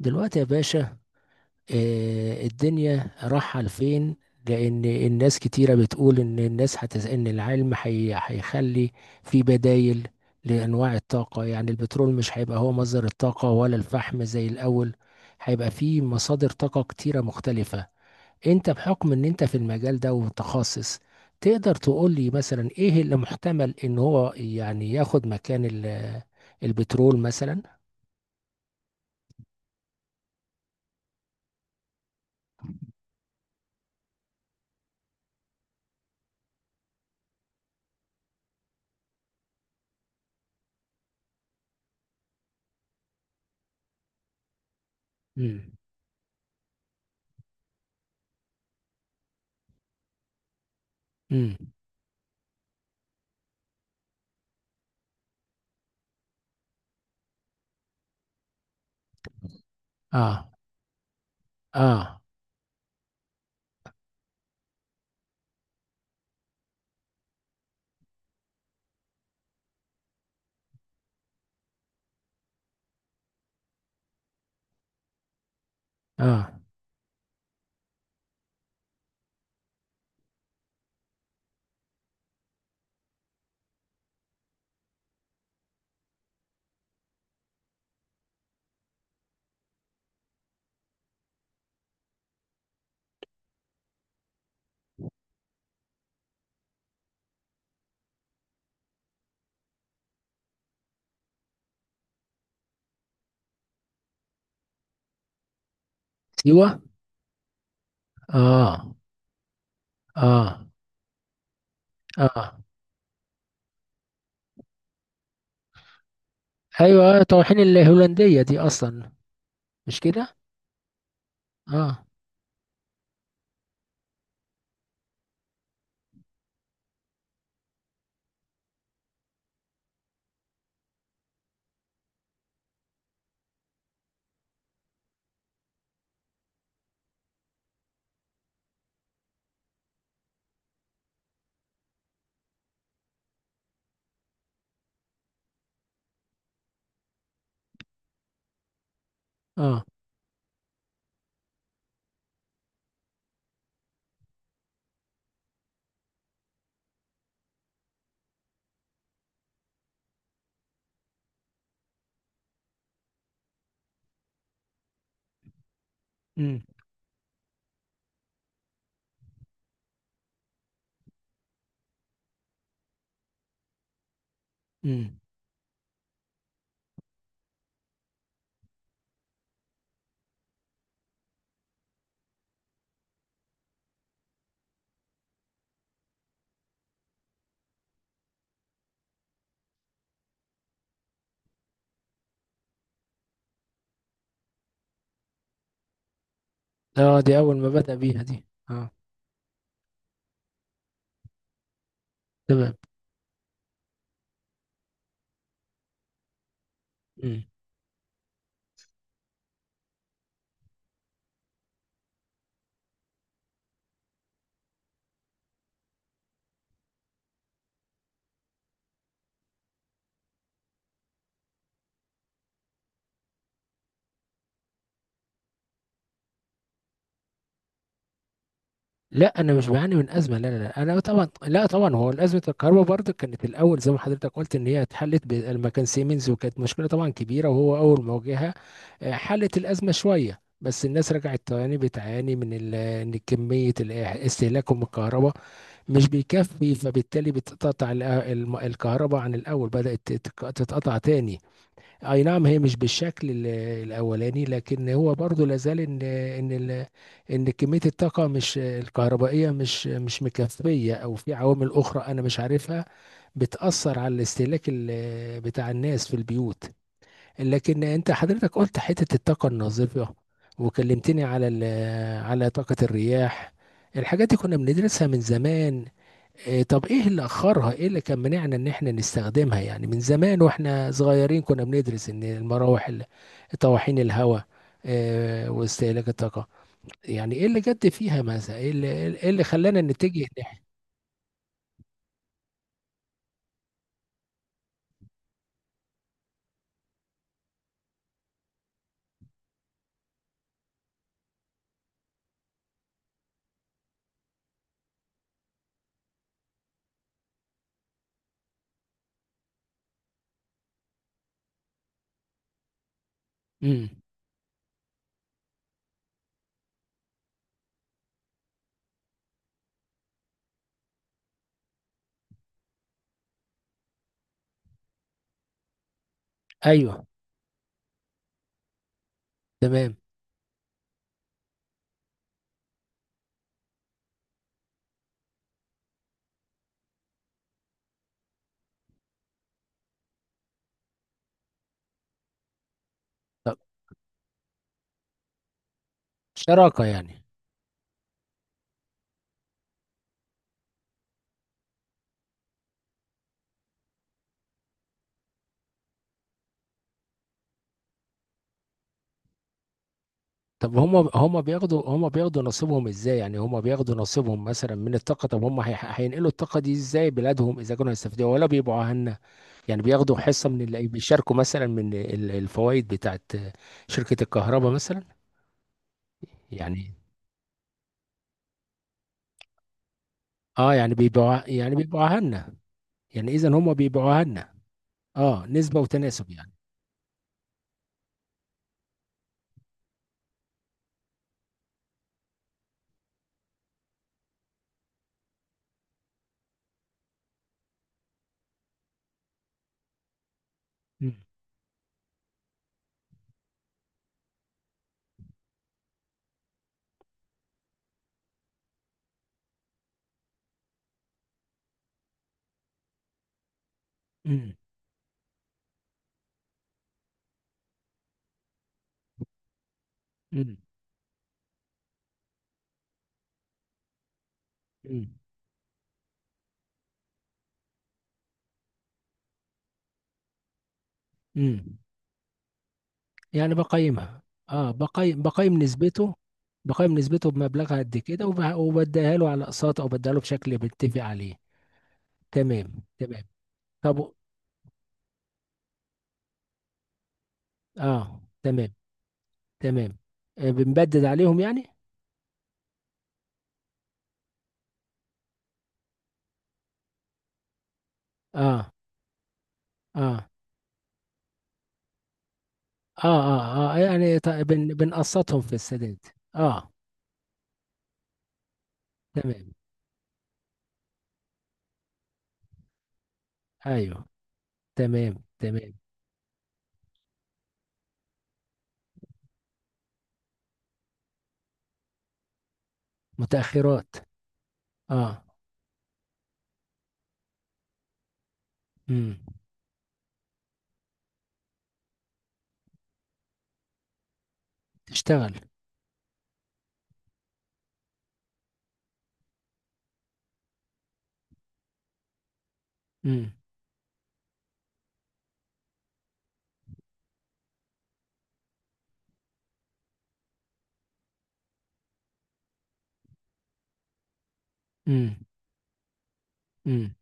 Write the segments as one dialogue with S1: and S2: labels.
S1: دلوقتي يا باشا. الدنيا رايحة لفين؟ لأن الناس كتيرة بتقول هيخلي في بدايل لأنواع الطاقة، يعني البترول مش هيبقى هو مصدر الطاقة ولا الفحم زي الأول، هيبقى في مصادر طاقة كتيرة مختلفة. أنت بحكم إن أنت في المجال ده ومتخصص، تقدر تقول لي مثلا إيه اللي محتمل إن هو يعني ياخد البترول مثلا؟ امم. امم. اه. اه. اه. سيوة. اه. اه. اه. ايوه، طواحين الهولندية دي اصلا، مش كده؟ اه. اه. امم. امم. اه، دي اول ما بدأ بيها دي. اه. تمام. امم. لا، انا مش بعاني من ازمه، لا لا لا، انا طبعا، لا طبعا، هو ازمه الكهرباء برضه كانت الاول زي ما حضرتك قلت ان هي اتحلت لما كان سيمنز، وكانت مشكله طبعا كبيره وهو اول ما واجهها. حلت الازمه شويه، بس الناس رجعت تاني بتعاني من ان كميه استهلاكهم الكهرباء مش بيكفي، فبالتالي بتتقطع الكهرباء، عن الأول بدأت تتقطع تاني. أي نعم، هي مش بالشكل الأولاني، لكن هو برضو لازال إن كمية الطاقة مش الكهربائية مش مكفية، أو في عوامل أخرى أنا مش عارفها بتأثر على الاستهلاك بتاع الناس في البيوت. لكن أنت حضرتك قلت حتة الطاقة النظيفة، وكلمتني على على طاقة الرياح. الحاجات دي كنا بندرسها من زمان. طب ايه اللي اخرها، ايه اللي كان منعنا ان احنا نستخدمها؟ يعني من زمان واحنا صغيرين كنا بندرس ان طواحين الهواء. إيه واستهلاك الطاقة. يعني ايه اللي جد فيها، مثلا ايه اللي خلانا نتجه ناحية. امم. ايوه. تمام. طب شراكة يعني. طب هم بياخدوا، هم بياخدوا نصيبهم ازاي؟ يعني هم بياخدوا نصيبهم مثلا من الطاقة. طب هم، هينقلوا الطاقة دي ازاي بلادهم، اذا كانوا هيستفيدوا ولا بيبقوا، يعني بياخدوا حصة من اللي بيشاركوا مثلا من الفوائد بتاعت شركة الكهرباء مثلا؟ يعني اه، يعني بيبيعوا يعني بيبيعوها لنا؟ يعني اذا هم بيبيعوها لنا، اه، نسبة وتناسب يعني. مم. مم. مم. مم. مم. يعني بقيمها، اه، بقيم نسبته بمبلغها قد كده، وبديها له على اقساط، او بديها له بشكل بنتفق عليه. تمام تمام. طب و- اه تمام تمام. بنبدد عليهم يعني. اه اه اه اه اه، يعني بنقسطهم في السداد. اه تمام. ايوه تمام تمام. متأخرات. اه. امم. تشتغل. امم. امم. امم.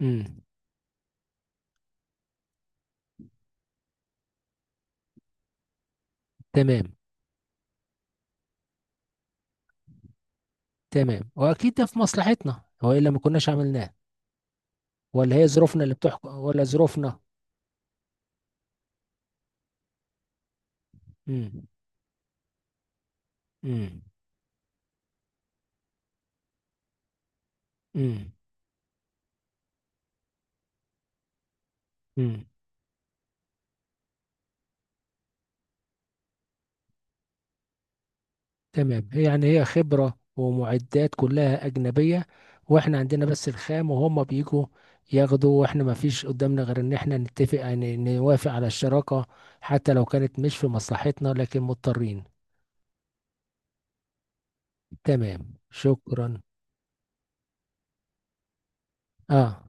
S1: امم. تمام تمام، واكيد ده في مصلحتنا، والا ما كناش عملناه. ولا هي ظروفنا اللي بتحكم، ولا ظروفنا. امم. امم. امم. تمام، هي خبرة ومعدات كلها أجنبية، وإحنا عندنا بس الخام، وهم بيجوا ياخدوا، وإحنا ما فيش قدامنا غير إن إحنا نتفق، يعني نوافق على الشراكة حتى لو كانت مش في مصلحتنا، لكن مضطرين. تمام شكرا. آه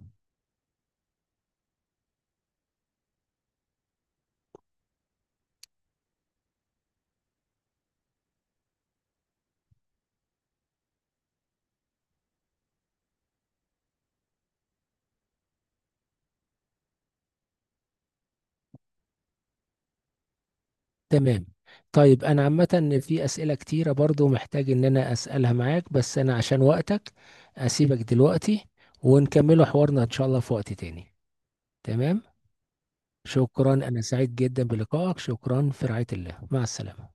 S1: تمام. طيب، أنا عامة في أسئلة كتيرة برضو محتاج إن أنا أسألها معاك، بس أنا عشان وقتك أسيبك دلوقتي، ونكمله حوارنا إن شاء الله في وقت تاني. تمام. شكرا، أنا سعيد جدا بلقائك. شكرا، في رعاية الله، مع السلامة.